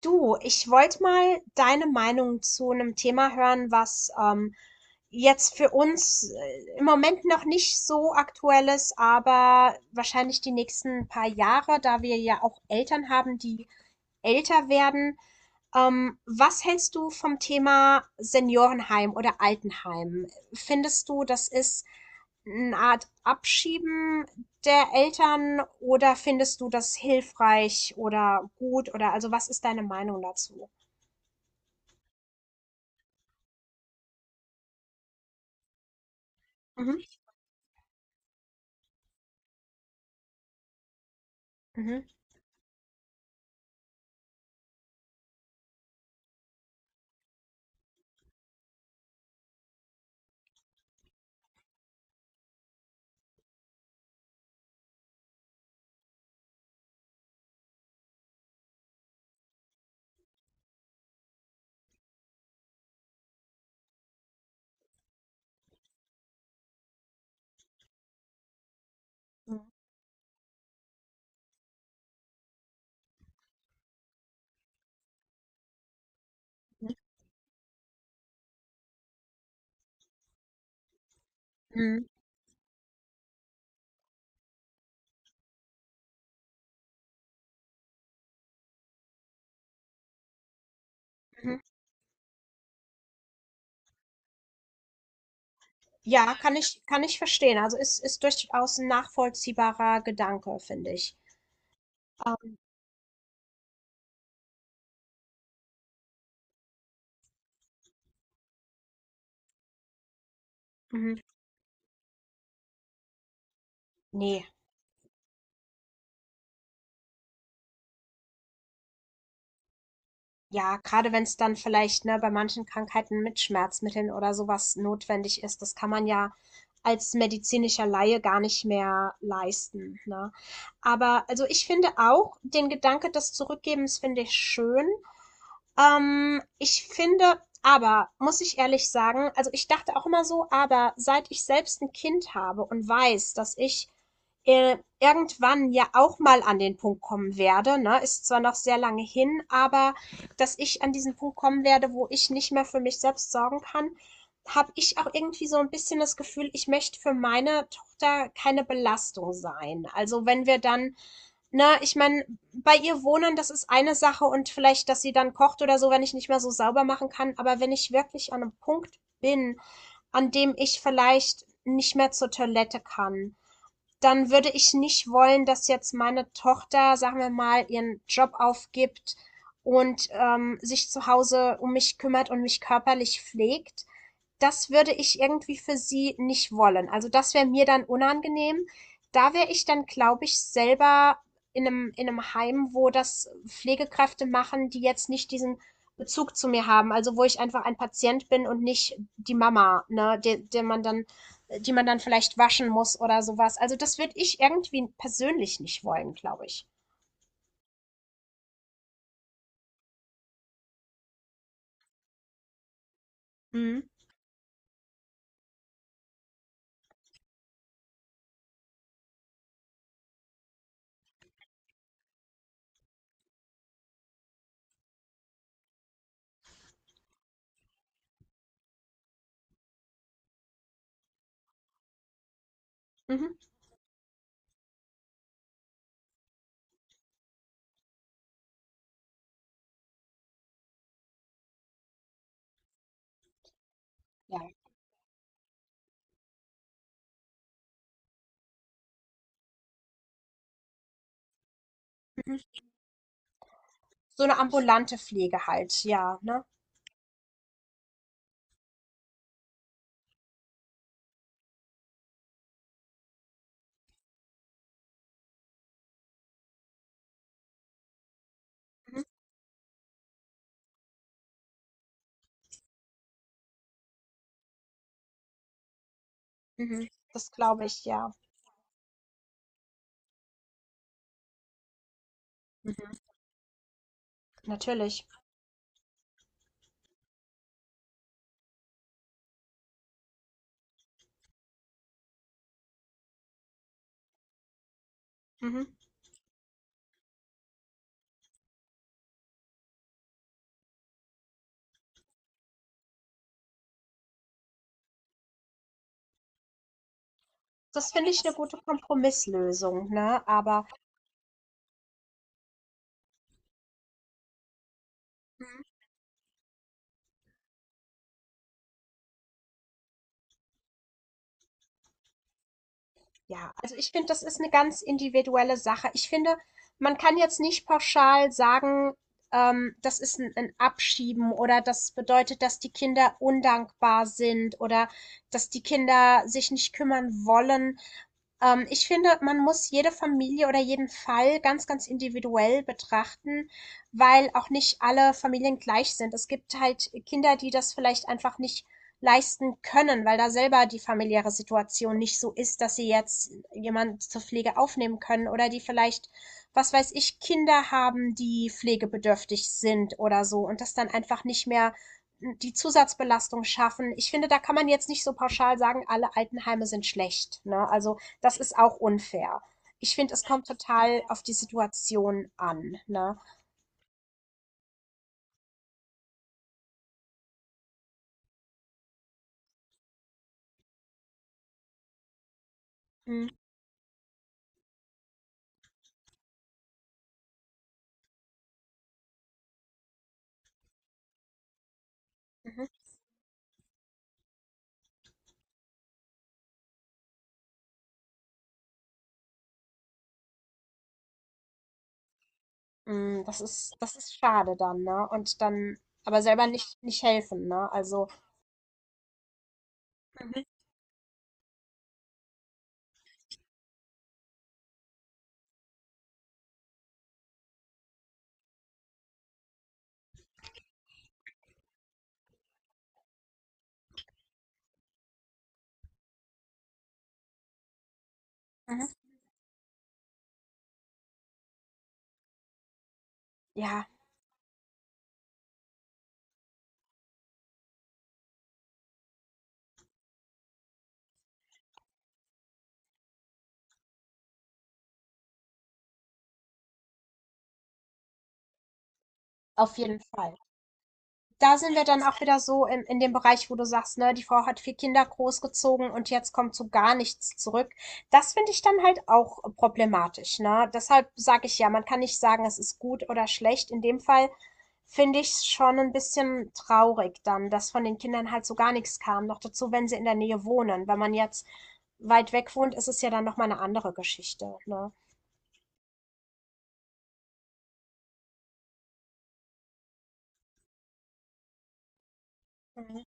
Du, ich wollte mal deine Meinung zu einem Thema hören, was jetzt für uns im Moment noch nicht so aktuell ist, aber wahrscheinlich die nächsten paar Jahre, da wir ja auch Eltern haben, die älter werden. Was hältst du vom Thema Seniorenheim oder Altenheim? Findest du, das ist eine Art Abschieben der Eltern, oder findest du das hilfreich oder gut? Oder also, was ist deine Meinung dazu? Mhm. Mhm. Mhm. Mhm. Mhm. Ja, kann ich verstehen. Also, ist durchaus 'n nachvollziehbarer Gedanke, finde ich. Ähm, mhm, ne, ja, gerade wenn es dann vielleicht, ne, bei manchen Krankheiten mit Schmerzmitteln oder sowas notwendig ist, das kann man ja als medizinischer Laie gar nicht mehr leisten, ne? Aber also, ich finde auch, den Gedanke des Zurückgebens finde ich schön. Ich finde aber, muss ich ehrlich sagen, also ich dachte auch immer so, aber seit ich selbst ein Kind habe und weiß, dass ich irgendwann ja auch mal an den Punkt kommen werde, ne, ist zwar noch sehr lange hin, aber dass ich an diesen Punkt kommen werde, wo ich nicht mehr für mich selbst sorgen kann, habe ich auch irgendwie so ein bisschen das Gefühl, ich möchte für meine Tochter keine Belastung sein. Also wenn wir dann, ne, ich meine, bei ihr wohnen, das ist eine Sache, und vielleicht, dass sie dann kocht oder so, wenn ich nicht mehr so sauber machen kann. Aber wenn ich wirklich an einem Punkt bin, an dem ich vielleicht nicht mehr zur Toilette kann, dann würde ich nicht wollen, dass jetzt meine Tochter, sagen wir mal, ihren Job aufgibt und sich zu Hause um mich kümmert und mich körperlich pflegt. Das würde ich irgendwie für sie nicht wollen. Also das wäre mir dann unangenehm. Da wäre ich dann, glaube ich, selber in einem Heim, wo das Pflegekräfte machen, die jetzt nicht diesen Bezug zu mir haben. Also wo ich einfach ein Patient bin und nicht die Mama, ne, der, der man dann die man dann vielleicht waschen muss oder sowas. Also das würde ich irgendwie persönlich nicht wollen, glaube ich. Mhm. Ja. Mhm. So eine ambulante Pflege halt, ja, ne? Mhm. Mhm. Das glaube ich, ja. Mhm. Natürlich. Mhm. Das finde ich eine gute Kompromisslösung, ne? Aber ja, also ich finde, das ist eine ganz individuelle Sache. Ich finde, man kann jetzt nicht pauschal sagen, das ist ein 'n Abschieben, oder das bedeutet, dass die Kinder undankbar sind oder dass die Kinder sich nicht kümmern wollen. Ich finde, man muss jede Familie oder jeden Fall ganz, ganz individuell betrachten, weil auch nicht alle Familien gleich sind. Es gibt halt Kinder, die das vielleicht einfach nicht leisten können, weil da selber die familiäre Situation nicht so ist, dass sie jetzt jemand zur Pflege aufnehmen können, oder die vielleicht, was weiß ich, Kinder haben, die pflegebedürftig sind oder so, und das dann einfach nicht mehr, die Zusatzbelastung schaffen. Ich finde, da kann man jetzt nicht so pauschal sagen, alle Altenheime sind schlecht. Ne? Also das ist auch unfair. Ich finde, es kommt total auf die Situation an. Ne? Mhm. Das ist schade dann, ne? Und dann aber selber nicht, nicht helfen, ne? Also, mhm. Mhm. Ja, auf jeden Fall. Da sind wir dann auch wieder so in dem Bereich, wo du sagst, ne, die Frau hat vier Kinder großgezogen, und jetzt kommt so gar nichts zurück. Das finde ich dann halt auch problematisch, ne? Deshalb sage ich ja, man kann nicht sagen, es ist gut oder schlecht. In dem Fall finde ich es schon ein bisschen traurig dann, dass von den Kindern halt so gar nichts kam. Noch dazu, wenn sie in der Nähe wohnen. Wenn man jetzt weit weg wohnt, ist es ja dann nochmal eine andere Geschichte, ne? Mhm.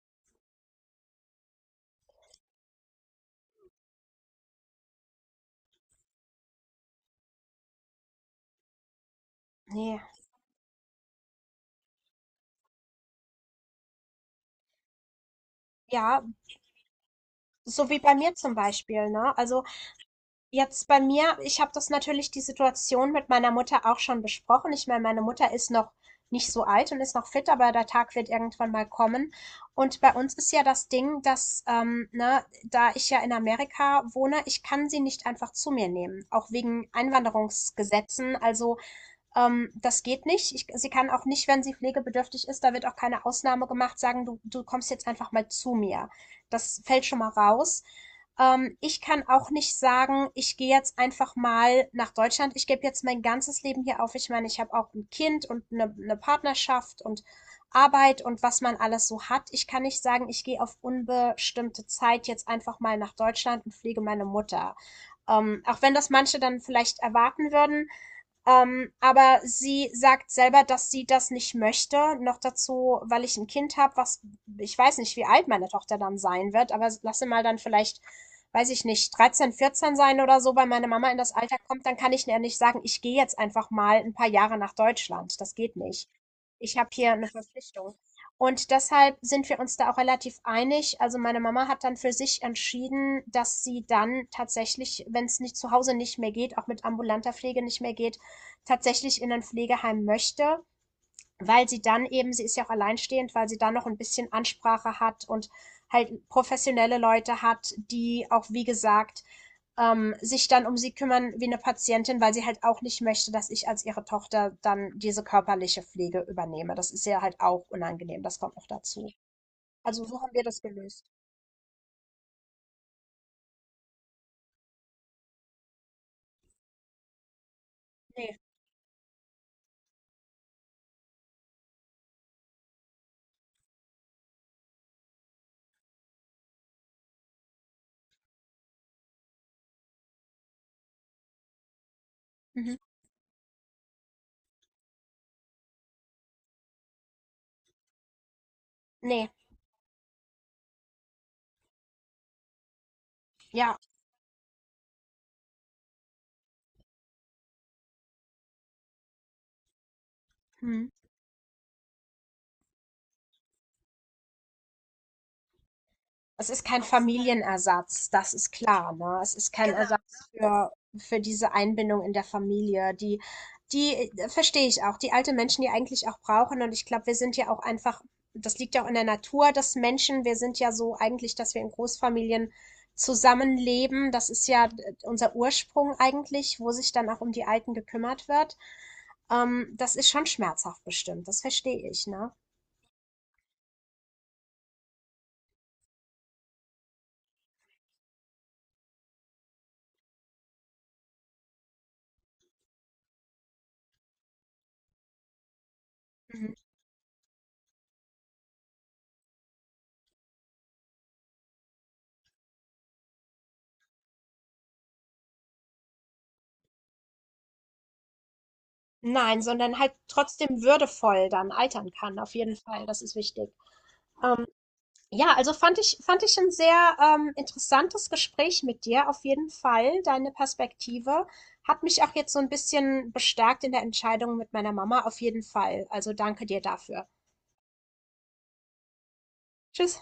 Nee. Ja, so wie bei mir zum Beispiel, ne? Also jetzt bei mir, ich habe das, natürlich die Situation mit meiner Mutter auch schon besprochen. Ich meine, meine Mutter ist noch nicht so alt und ist noch fit, aber der Tag wird irgendwann mal kommen. Und bei uns ist ja das Ding, dass, ne, da ich ja in Amerika wohne, ich kann sie nicht einfach zu mir nehmen, auch wegen Einwanderungsgesetzen. Also, das geht nicht. Sie kann auch nicht, wenn sie pflegebedürftig ist, da wird auch keine Ausnahme gemacht, sagen, du kommst jetzt einfach mal zu mir. Das fällt schon mal raus. Ich kann auch nicht sagen, ich gehe jetzt einfach mal nach Deutschland, ich gebe jetzt mein ganzes Leben hier auf. Ich meine, ich habe auch ein Kind und eine Partnerschaft und Arbeit und was man alles so hat. Ich kann nicht sagen, ich gehe auf unbestimmte Zeit jetzt einfach mal nach Deutschland und pflege meine Mutter. Auch wenn das manche dann vielleicht erwarten würden, aber sie sagt selber, dass sie das nicht möchte. Noch dazu, weil ich ein Kind habe, was, ich weiß nicht, wie alt meine Tochter dann sein wird, aber lasse mal dann vielleicht, weiß ich nicht, 13, 14 sein oder so, weil meine Mama in das Alter kommt, dann kann ich ja nicht sagen, ich gehe jetzt einfach mal ein paar Jahre nach Deutschland. Das geht nicht. Ich habe hier eine Verpflichtung. Und deshalb sind wir uns da auch relativ einig. Also meine Mama hat dann für sich entschieden, dass sie dann tatsächlich, wenn es nicht zu Hause nicht mehr geht, auch mit ambulanter Pflege nicht mehr geht, tatsächlich in ein Pflegeheim möchte, weil sie dann eben, sie ist ja auch alleinstehend, weil sie dann noch ein bisschen Ansprache hat und halt professionelle Leute hat, die auch, wie gesagt, sich dann um sie kümmern wie eine Patientin, weil sie halt auch nicht möchte, dass ich als ihre Tochter dann diese körperliche Pflege übernehme. Das ist ja halt auch unangenehm, das kommt noch dazu. Also so haben wir das gelöst. Nee. Mhm. Nee, ja. Hm. Es ist kein Familienersatz, das ist klar, ne? Es ist kein, genau, Ersatz für diese Einbindung in der Familie. Die, die verstehe ich auch, die alte Menschen, die eigentlich auch brauchen. Und ich glaube, wir sind ja auch einfach, das liegt ja auch in der Natur des Menschen. Wir sind ja so eigentlich, dass wir in Großfamilien zusammenleben. Das ist ja unser Ursprung eigentlich, wo sich dann auch um die Alten gekümmert wird. Das ist schon schmerzhaft bestimmt, das verstehe ich, ne? Mhm. Nein, sondern halt trotzdem würdevoll dann altern kann, auf jeden Fall. Das ist wichtig. Ja, also fand ich ein sehr interessantes Gespräch mit dir, auf jeden Fall. Deine Perspektive hat mich auch jetzt so ein bisschen bestärkt in der Entscheidung mit meiner Mama, auf jeden Fall. Also danke dir dafür. Tschüss.